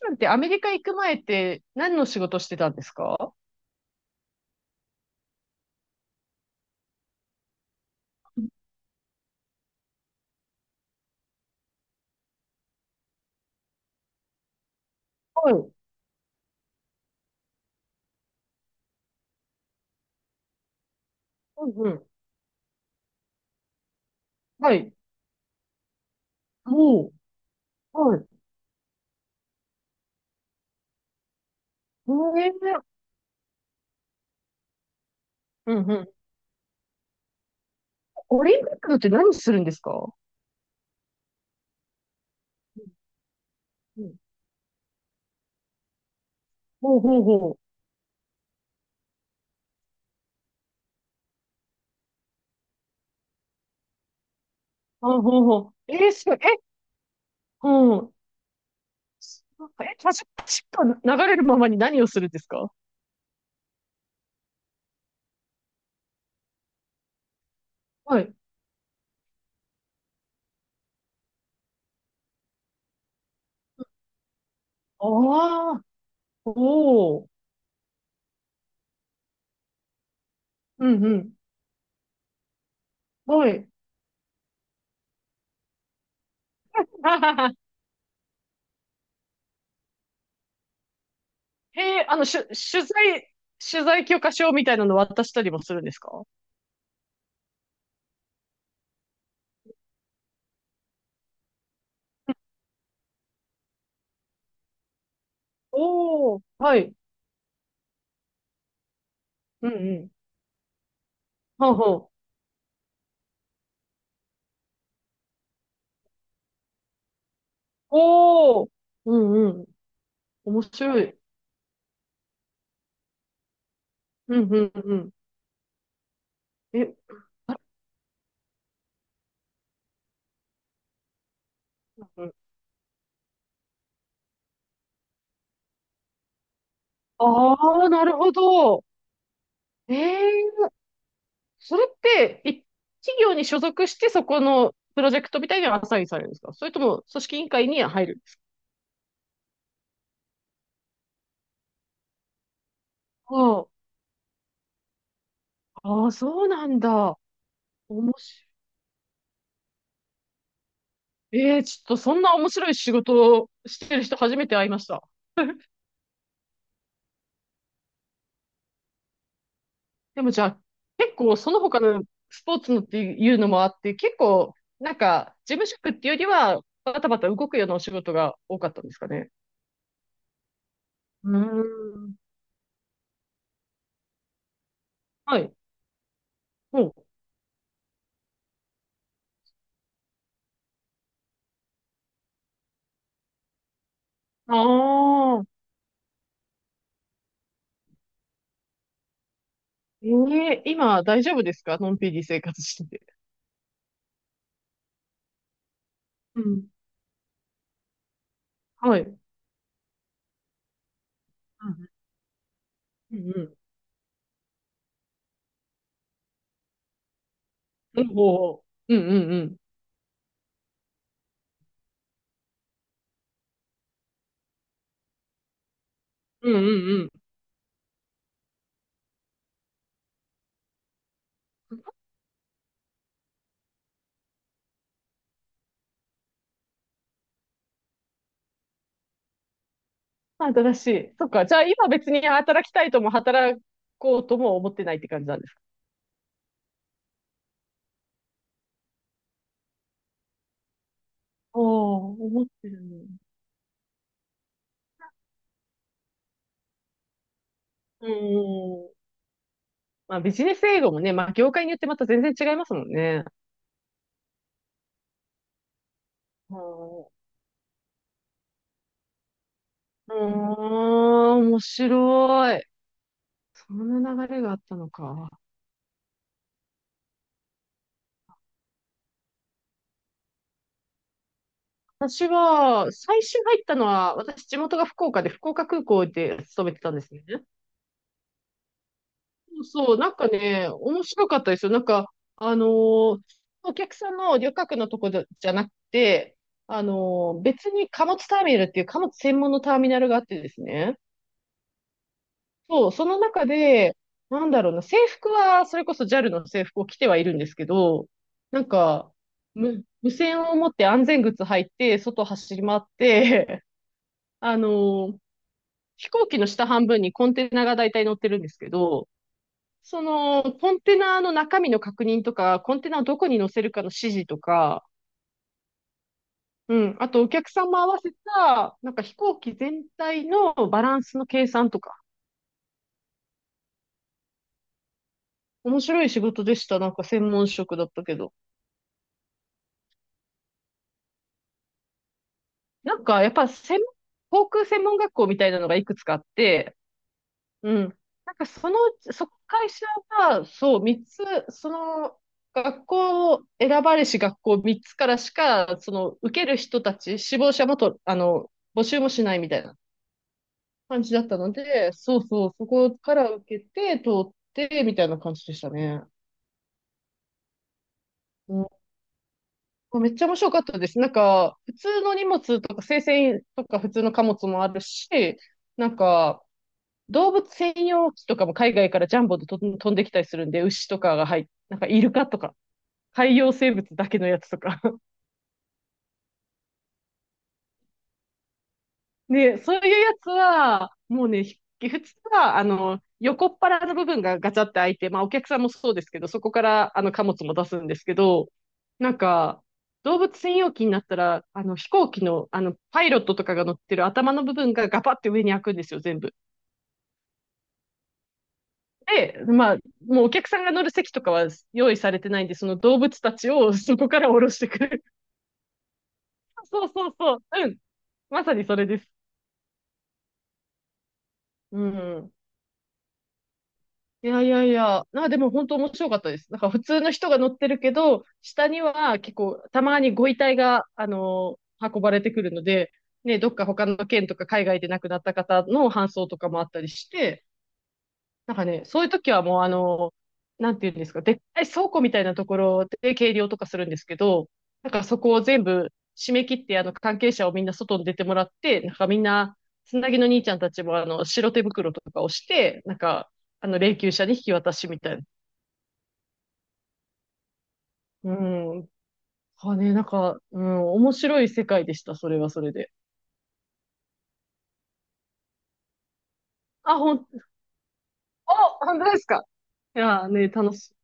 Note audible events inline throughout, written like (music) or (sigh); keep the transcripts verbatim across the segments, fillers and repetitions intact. さんってアメリカ行く前って何の仕事してたんですか？はい。うんうん。はい。もう、はい。ええー。うんうん。オリンピックって何するんですか？うんうん。ほうほうほう。あ、ほうほう。えー、すごい。え、うん。なんか、え、パシパッと流れるままに何をするんですか？はい。ああ、おお。うんうん。はい。ははは。へえー。あの、しゅ、取材、取材許可証みたいなの渡したりもするんですか？おー、はい。うんうん。はんはん。おー、うんうん。面白い。うんうんうん。え、うん、ああ、なるほど。ええ。それって、い企業に所属してそこのプロジェクトみたいにアサインされるんですか？それとも組織委員会に入るんですか？ああー、そうなんだ。面白い。ええ、ちょっとそんな面白い仕事をしてる人初めて会いました。でもじゃあ、結構その他のスポーツのっていうのもあって、結構、なんか、事務職っていうよりは、バタバタ動くようなお仕事が多かったんですかね？うーん。はい。ほう。ああ、ええ、今大丈夫ですか？のんびり生活してて。うん。はい。うんうん。うん、うん。ほう。うんうんうん。うんうんうん。新しい。そっか。じゃあ今別に働きたいとも働こうとも思ってないって感じなんですか？ああ、思ってるね。うん。まあ、ビジネス英語もね、まあ、業界によってまた全然違いますもんね。うん。うーん、面白い。そんな流れがあったのか。私は、最初入ったのは、私、地元が福岡で、福岡空港で勤めてたんですね。そうそう、なんかね、面白かったですよ。なんか、あのー、お客さんの旅客のとこじゃなくて、あのー、別に貨物ターミナルっていう貨物専門のターミナルがあってですね。そう、その中で、なんだろうな、制服は、それこそ ジャル の制服を着てはいるんですけど、なんか、無、無線を持って安全靴履いて、外走り回って、(laughs) あの、飛行機の下半分にコンテナが大体乗ってるんですけど、その、コンテナの中身の確認とか、コンテナをどこに乗せるかの指示とか、うん、あとお客さんも合わせた、なんか飛行機全体のバランスの計算とか、面白い仕事でした。なんか専門職だったけど。なんか、やっぱ専門、航空専門学校みたいなのがいくつかあって、うん。なんかそのうち、そ、会社が、そう、三つ、その、学校を選ばれし学校三つからしか、その、受ける人たち、志望者もと、あの、募集もしないみたいな感じだったので、そうそう、そこから受けて、通って、みたいな感じでしたね。うん、めっちゃ面白かったです。なんか、普通の荷物とか、生鮮とか普通の貨物もあるし、なんか、動物専用機とかも海外からジャンボでと飛んできたりするんで、牛とかが入っ、なんかイルカとか、海洋生物だけのやつとか。(laughs) ね、そういうやつは、もうね、ひ普通は、あの、横っ腹の部分がガチャって開いて、まあお客さんもそうですけど、そこからあの貨物も出すんですけど、なんか、動物専用機になったら、あの飛行機の、あの、パイロットとかが乗ってる頭の部分がガパって上に開くんですよ、全部。で、まあ、もうお客さんが乗る席とかは用意されてないんで、その動物たちを (laughs) そこから降ろしてくる。(laughs) そうそうそう。うん。まさにそれです。うん。いやいやいや。な、でも本当面白かったです。なんか普通の人が乗ってるけど、下には結構たまにご遺体が、あのー、運ばれてくるので、ね、どっか他の県とか海外で亡くなった方の搬送とかもあったりして、なんかね、そういう時はもうあの、なんていうんですか、でっかい倉庫みたいなところで計量とかするんですけど、なんかそこを全部締め切って、あの、関係者をみんな外に出てもらって、なんかみんな、つなぎの兄ちゃんたちもあの、白手袋とかをして、なんか、あの、霊柩車に引き渡しみたいな。うん。あね、なんか、うん、面白い世界でした、それはそれで。あ、ほん、お、本当ですか？いやーね、楽しい。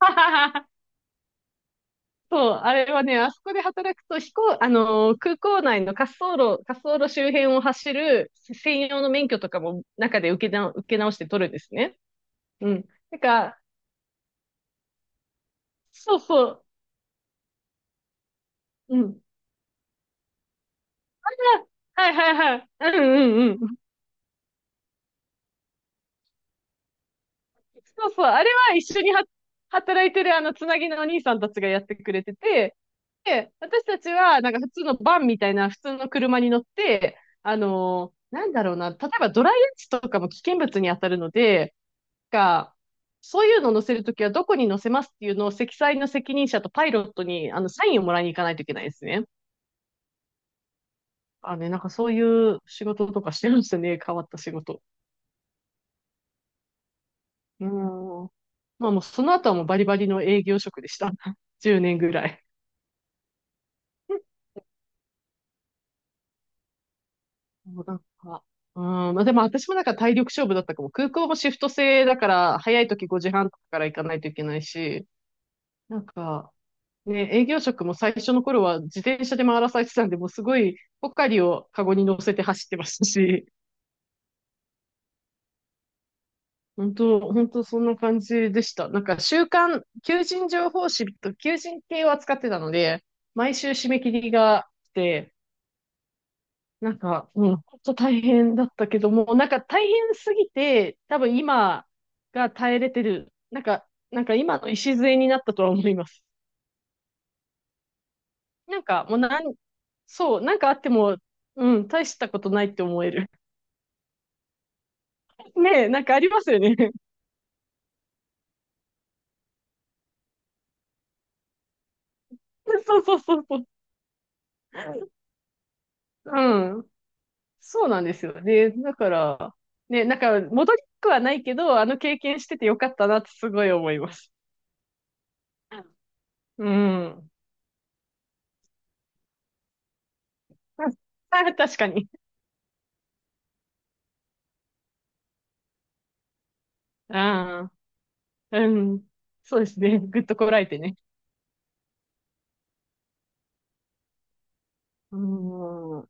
(laughs) そう、あれはね、あそこで働くと、飛行、あのー、空港内の滑走路、滑走路周辺を走る専用の免許とかも中で受けな、受け直して取るんですね。うん。なんか、そうそう、うん。あ、はいはいはい。うんうんうん。そうそう、あれは一緒には働いてるあのつなぎのお兄さんたちがやってくれてて、で、私たちはなんか普通のバンみたいな普通の車に乗って、あのー、なんだろうな、例えばドライアイスとかも危険物に当たるので、か、そういうのを載せるときはどこに載せますっていうのを積載の責任者とパイロットにあのサインをもらいに行かないといけないですね。あね、なんかそういう仕事とかしてるんですよね。変わった仕事。うん。まあもうその後はもうバリバリの営業職でした。(laughs) じゅうねんぐらい。(laughs) もうなんか、うん、まあでも私もなんか体力勝負だったかも。空港もシフト制だから、早い時ごじはんとかから行かないといけないし、なんか、ね、営業職も最初の頃は自転車で回らされてたんで、もうすごいポカリをカゴに乗せて走ってましたし、本当、本当そんな感じでした。なんか週刊、求人情報誌と求人系を扱ってたので、毎週締め切りが来て、なんか、うん、本当大変だったけども、なんか大変すぎて、多分今が耐えれてる、なんか、なんか今の礎になったとは思います。なんかもうなん、そう、なんかあっても、うん、大したことないって思える。ねえ、なんかありますよね。(laughs) そうそうそうそう。うん。そうなんですよね。だから、ね、なんか戻りたくはないけど、あの経験しててよかったなってすごい思います。うん。あ、確かに。ああ、うん。そうですね。ぐっとこらえてね。うん。うん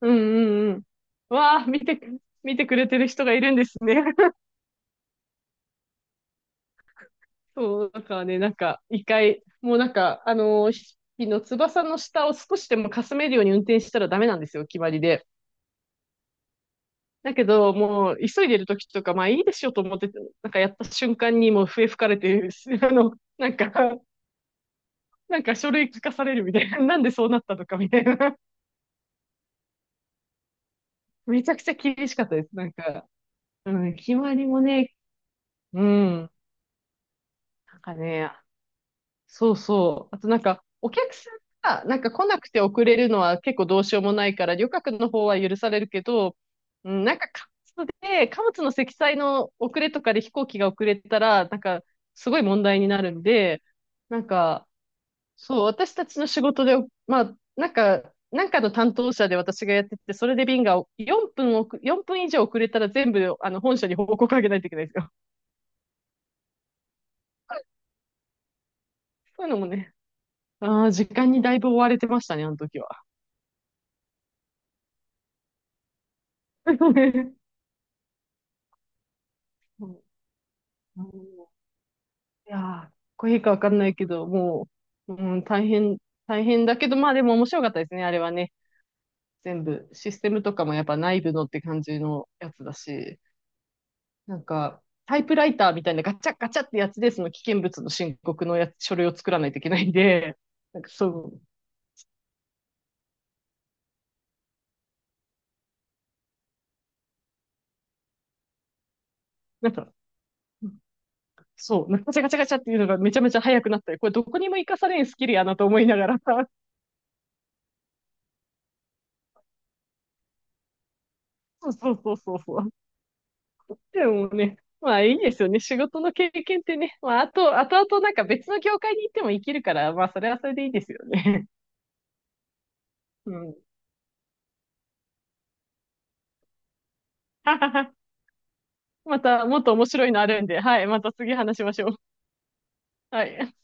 うんうん。わあ、見て、見てくれてる人がいるんですね。そう、だからね、なんか、一回、もうなんか、あのー、ひの翼の下を少しでもかすめるように運転したらダメなんですよ、決まりで。だけど、もう、急いでる時とか、まあいいでしょと思って、なんかやった瞬間にもう笛吹かれて、(laughs) あの、なんか、なんか書類書かされるみたいな、(laughs) なんでそうなったのかみたいな。めちゃくちゃ厳しかったです。なんか、うん、決まりもね、うん、なんかね、そうそう。あとなんか、お客さんがなんか来なくて遅れるのは結構どうしようもないから、旅客の方は許されるけど、うん、なんか貨物で、貨物の積載の遅れとかで飛行機が遅れたら、なんかすごい問題になるんで、なんか、そう、私たちの仕事で、まあ、なんか、なんかの担当者で私がやってて、それで便が4分遅、よんぷん以上遅れたら全部、あの、本社に報告あげないといけないんですよ。(laughs) そういうのもね、ああ、時間にだいぶ追われてましたね、あの時は。(laughs) うんうん。いやー、かっこいいかわかんないけど、もう、うん、大変、大変だけど、まあでも面白かったですね、あれはね。全部、システムとかもやっぱ内部のって感じのやつだし、なんか、タイプライターみたいなガチャガチャってやつで、その危険物の申告のやつ、書類を作らないといけないんで、なんかそう、なんか、そう、なんかガチャガチャガチャっていうのがめちゃめちゃ早くなったり、これどこにも活かされんスキルやなと思いながら、(laughs) そうそうそうそうそう。でもね、まあいいですよね。仕事の経験ってね。まああと、あとあとなんか別の業界に行っても生きるから、まあそれはそれでいいですよね。(laughs) うん。(laughs) またもっと面白いのあるんで、はい。また次話しましょう。はい。